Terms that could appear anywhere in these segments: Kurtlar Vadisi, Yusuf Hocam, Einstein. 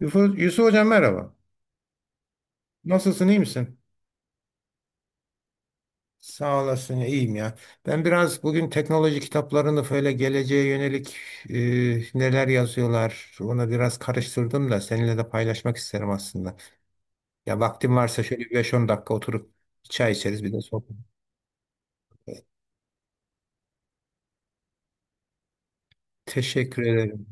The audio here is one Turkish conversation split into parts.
Yusuf, Yusuf Hocam merhaba. Nasılsın, iyi misin? Sağ olasın, iyiyim ya. Ben biraz bugün teknoloji kitaplarını böyle geleceğe yönelik neler yazıyorlar ona biraz karıştırdım da seninle de paylaşmak isterim aslında. Ya vaktim varsa şöyle bir 5-10 dakika oturup çay içeriz bir de sohbet. Teşekkür ederim.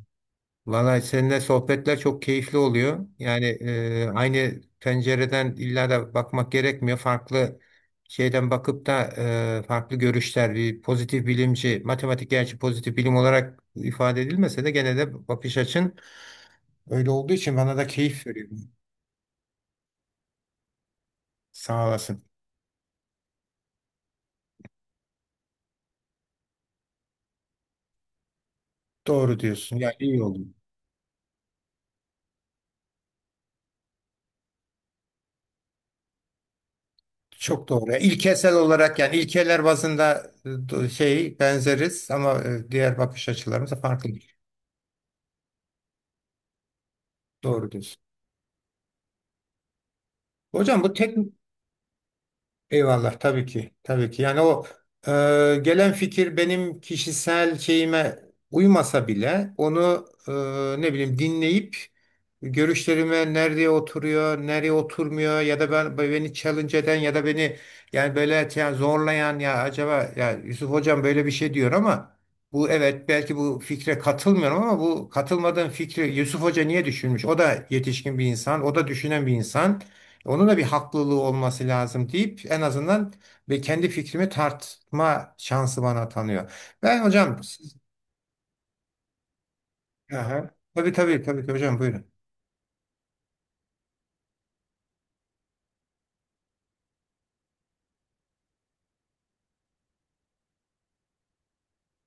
Vallahi seninle sohbetler çok keyifli oluyor. Yani aynı pencereden illa da bakmak gerekmiyor. Farklı şeyden bakıp da farklı görüşler, bir pozitif bilimci, matematik gerçi pozitif bilim olarak ifade edilmese de gene de bakış açın öyle olduğu için bana da keyif veriyor. Sağ olasın. Doğru diyorsun. Yani iyi oldu. Çok doğru. Yani İlkesel olarak, yani ilkeler bazında şey benzeriz ama diğer bakış açılarımız da farklı. Doğru diyorsun. Hocam bu tek. Eyvallah, tabii ki tabii ki, yani o e, gelen fikir benim kişisel şeyime uymasa bile onu, ne bileyim, dinleyip görüşlerime nerede oturuyor nereye oturmuyor, ya da ben beni challenge eden ya da beni, yani böyle yani zorlayan, ya acaba ya Yusuf hocam böyle bir şey diyor ama bu, evet belki bu fikre katılmıyorum ama bu katılmadığım fikri Yusuf Hoca niye düşünmüş? O da yetişkin bir insan, o da düşünen bir insan. Onun da bir haklılığı olması lazım deyip en azından ve kendi fikrimi tartma şansı bana tanıyor. Ben hocam siz, aha, tabii tabii tabii ki hocam buyurun.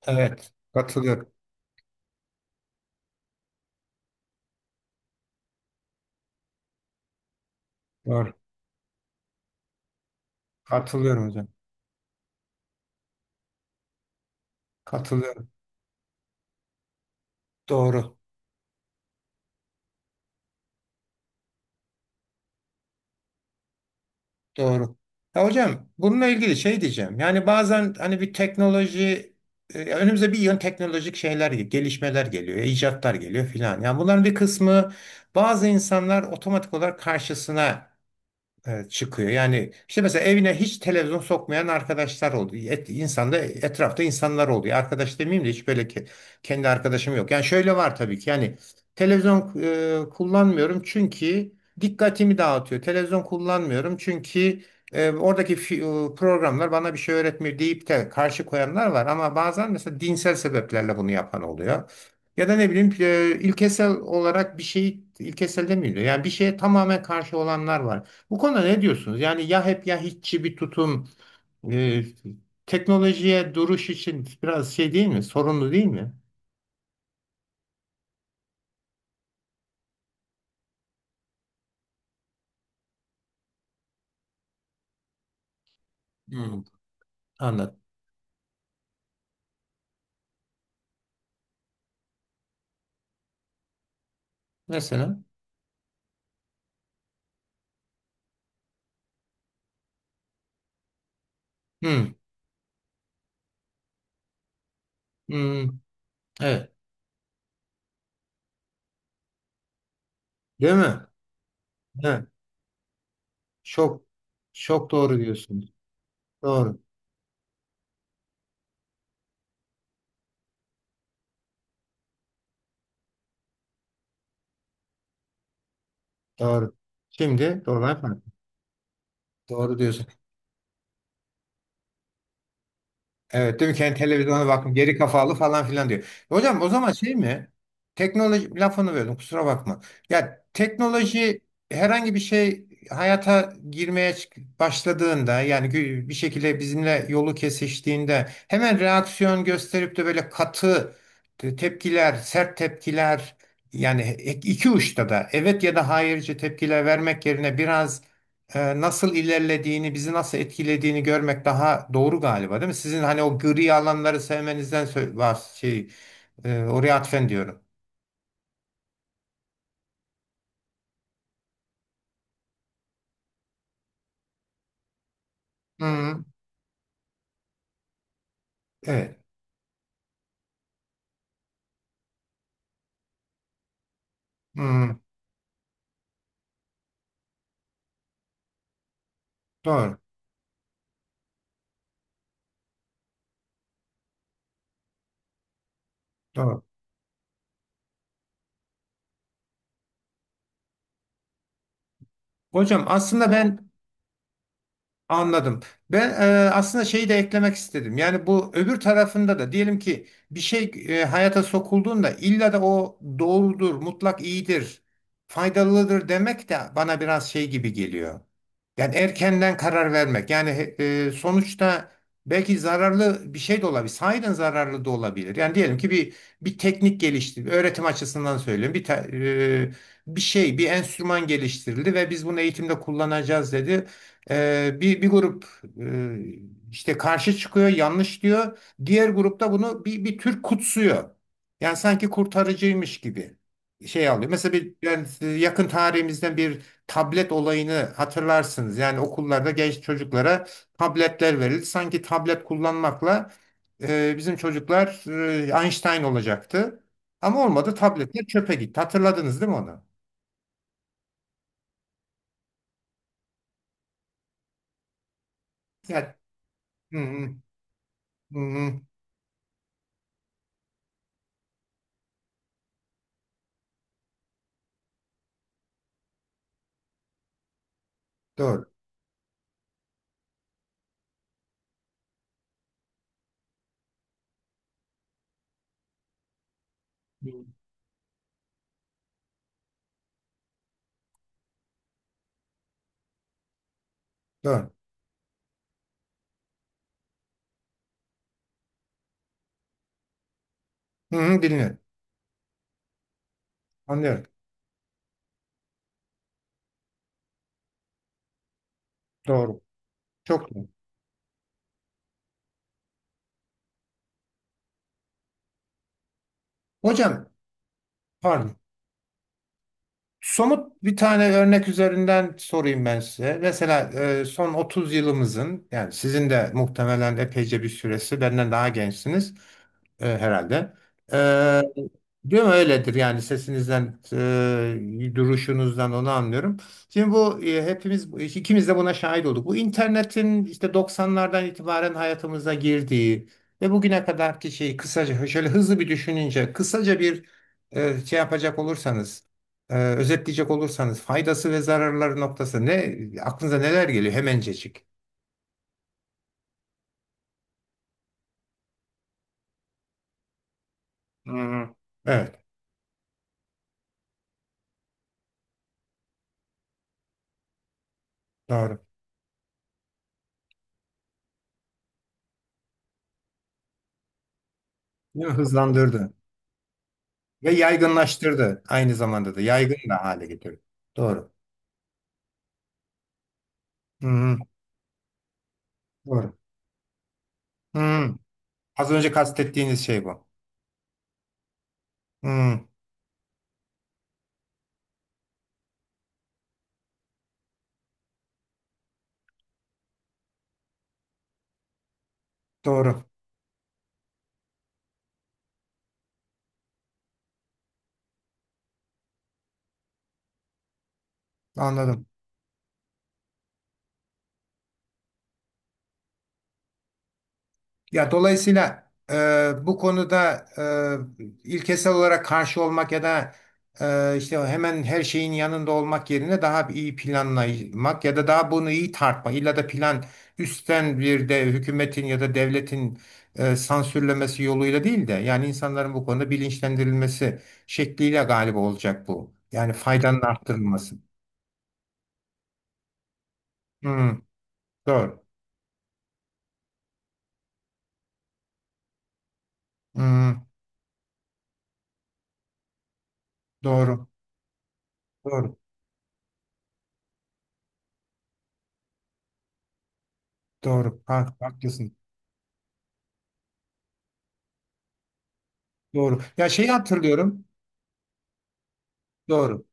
Evet, katılıyorum. Doğru. Katılıyorum hocam. Katılıyorum. Doğru. Doğru. Ya hocam bununla ilgili şey diyeceğim. Yani bazen hani bir teknoloji, önümüze bir yön teknolojik şeyler, gelişmeler geliyor, icatlar geliyor filan. Yani bunların bir kısmı, bazı insanlar otomatik olarak karşısına evet, çıkıyor. Yani işte mesela evine hiç televizyon sokmayan arkadaşlar oldu. Et, insanda, etrafta insanlar oluyor. Arkadaş demeyeyim de, hiç böyle kendi arkadaşım yok. Yani şöyle var tabii ki. Yani televizyon kullanmıyorum çünkü dikkatimi dağıtıyor. Televizyon kullanmıyorum çünkü oradaki programlar bana bir şey öğretmiyor deyip de karşı koyanlar var. Ama bazen mesela dinsel sebeplerle bunu yapan oluyor. Ya da ne bileyim ilkesel olarak bir şeyi, ilkesel demiyor. Yani bir şeye tamamen karşı olanlar var. Bu konuda ne diyorsunuz? Yani ya hep ya hiççi bir tutum, e, teknolojiye duruş için biraz şey değil mi? Sorunlu değil mi? Hmm. Anlat. Mesela. Hmm, hmm, evet. Değil mi? Evet. Çok çok doğru diyorsunuz. Doğru. Doğru. Şimdi doğru yapma. Doğru diyorsunuz. Evet değil mi? Kendi televizyona bakın, geri kafalı falan filan diyor. Hocam o zaman şey mi? Teknoloji lafını böldüm, kusura bakma. Ya teknoloji herhangi bir şey hayata girmeye başladığında, yani bir şekilde bizimle yolu kesiştiğinde hemen reaksiyon gösterip de böyle katı tepkiler, sert tepkiler, yani iki uçta da evet ya da hayırcı tepkiler vermek yerine biraz nasıl ilerlediğini, bizi nasıl etkilediğini görmek daha doğru galiba, değil mi? Sizin hani o gri alanları sevmenizden şey, oraya atfen diyorum. Hı, evet. Hı, doğru. Doğru. Hocam aslında ben anladım. Ben aslında şeyi de eklemek istedim. Yani bu öbür tarafında da, diyelim ki bir şey hayata sokulduğunda illa da o doğrudur, mutlak iyidir, faydalıdır demek de bana biraz şey gibi geliyor. Yani erkenden karar vermek. Yani sonuçta belki zararlı bir şey de olabilir. Sahiden zararlı da olabilir. Yani diyelim ki bir teknik geliştirildi, öğretim açısından söylüyorum. Bir şey, bir enstrüman geliştirildi ve biz bunu eğitimde kullanacağız dedi. Bir grup işte karşı çıkıyor, yanlış diyor. Diğer grupta bunu bir tür kutsuyor. Yani sanki kurtarıcıymış gibi şey alıyor. Mesela bir, yani yakın tarihimizden bir tablet olayını hatırlarsınız. Yani okullarda genç çocuklara tabletler verildi. Sanki tablet kullanmakla bizim çocuklar Einstein olacaktı. Ama olmadı, tabletler çöpe gitti. Hatırladınız değil mi onu? Yani, hı hı, hı hı, doğru. Doğru. Hı hı, dinliyorum. Anlıyorum. Doğru. Çok doğru. Hocam, pardon. Somut bir tane örnek üzerinden sorayım ben size. Mesela son 30 yılımızın, yani sizin de muhtemelen epeyce bir süresi, benden daha gençsiniz. E, herhalde. E, Diyorum öyledir yani, sesinizden, duruşunuzdan onu anlıyorum. Şimdi bu hepimiz, ikimiz de buna şahit olduk. Bu internetin işte 90'lardan itibaren hayatımıza girdiği ve bugüne kadarki şeyi, kısaca, şöyle hızlı bir düşününce, kısaca bir şey yapacak olursanız, özetleyecek olursanız faydası ve zararları noktası ne, aklınıza neler geliyor hemencecik? Hı hı. Evet, doğru. Değil mi? Hızlandırdı. Ve yaygınlaştırdı. Aynı zamanda da yaygın da hale getirdi. Doğru. Hı hı, doğru. Hı hı. Az önce kastettiğiniz şey bu. Hı, doğru. Anladım. Ya dolayısıyla bu konuda ilkesel olarak karşı olmak ya da işte hemen her şeyin yanında olmak yerine daha bir iyi planlamak ya da daha bunu iyi tartmak. İlla da plan, üstten bir de hükümetin ya da devletin sansürlemesi yoluyla değil de, yani insanların bu konuda bilinçlendirilmesi şekliyle galiba olacak bu. Yani faydanın arttırılması. Hmm, doğru. Hmm, doğru. Doğru. Doğru. Ha, haklısın. Doğru. Ya şeyi hatırlıyorum. Doğru.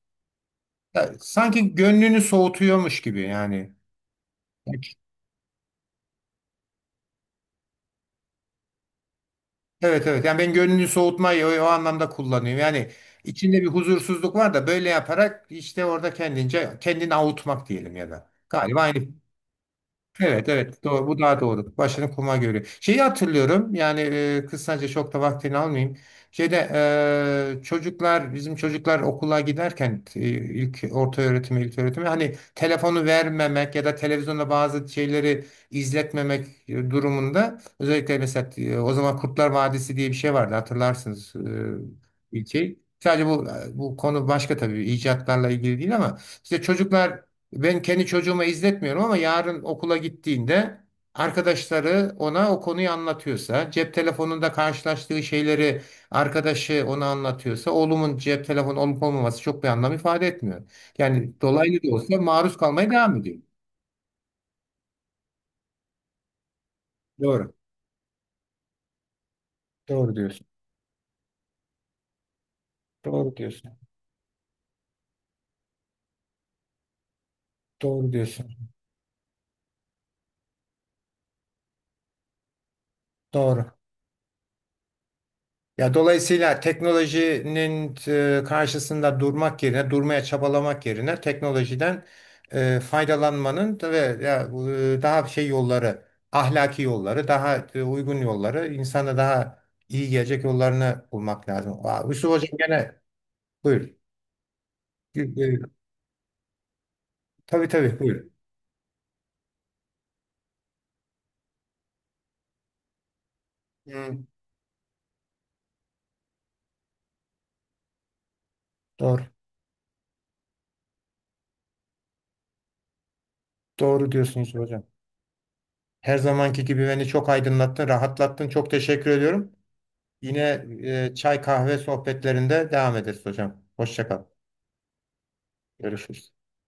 Ya, sanki gönlünü soğutuyormuş gibi yani. Evet evet. Yani ben gönlünü soğutmayı o, o anlamda kullanıyorum. Yani içinde bir huzursuzluk var da böyle yaparak işte orada kendince kendini avutmak diyelim ya da. Galiba aynı. Evet evet, doğru, bu daha doğru. Başını kuma görüyor. Şeyi hatırlıyorum, yani kısaca çok da vaktini almayayım. Şeyde e, çocuklar bizim çocuklar okula giderken, ilk öğretime, hani telefonu vermemek ya da televizyonda bazı şeyleri izletmemek durumunda, özellikle mesela o zaman Kurtlar Vadisi diye bir şey vardı, hatırlarsınız ilçeyi. Sadece bu bu konu başka tabii icatlarla ilgili değil ama işte çocuklar, ben kendi çocuğuma izletmiyorum ama yarın okula gittiğinde arkadaşları ona o konuyu anlatıyorsa, cep telefonunda karşılaştığı şeyleri arkadaşı ona anlatıyorsa, oğlumun cep telefonu olup olmaması çok bir anlam ifade etmiyor. Yani dolaylı da olsa maruz kalmaya devam ediyor. Doğru. Doğru diyorsun. Doğru diyorsun. Doğru diyorsun. Doğru. Ya dolayısıyla teknolojinin karşısında durmak yerine, durmaya çabalamak yerine teknolojiden faydalanmanın da ve ya, daha şey yolları, ahlaki yolları, daha uygun yolları, insana daha iyi gelecek yollarını bulmak lazım. Aa, Yusuf Hocam gene buyur. E, e, Tabii tabii buyur. Hmm. Doğru. Doğru diyorsun Yusuf Hocam. Her zamanki gibi beni çok aydınlattın, rahatlattın. Çok teşekkür ediyorum. Yine çay kahve sohbetlerinde devam ederiz hocam. Hoşça kal. Görüşürüz.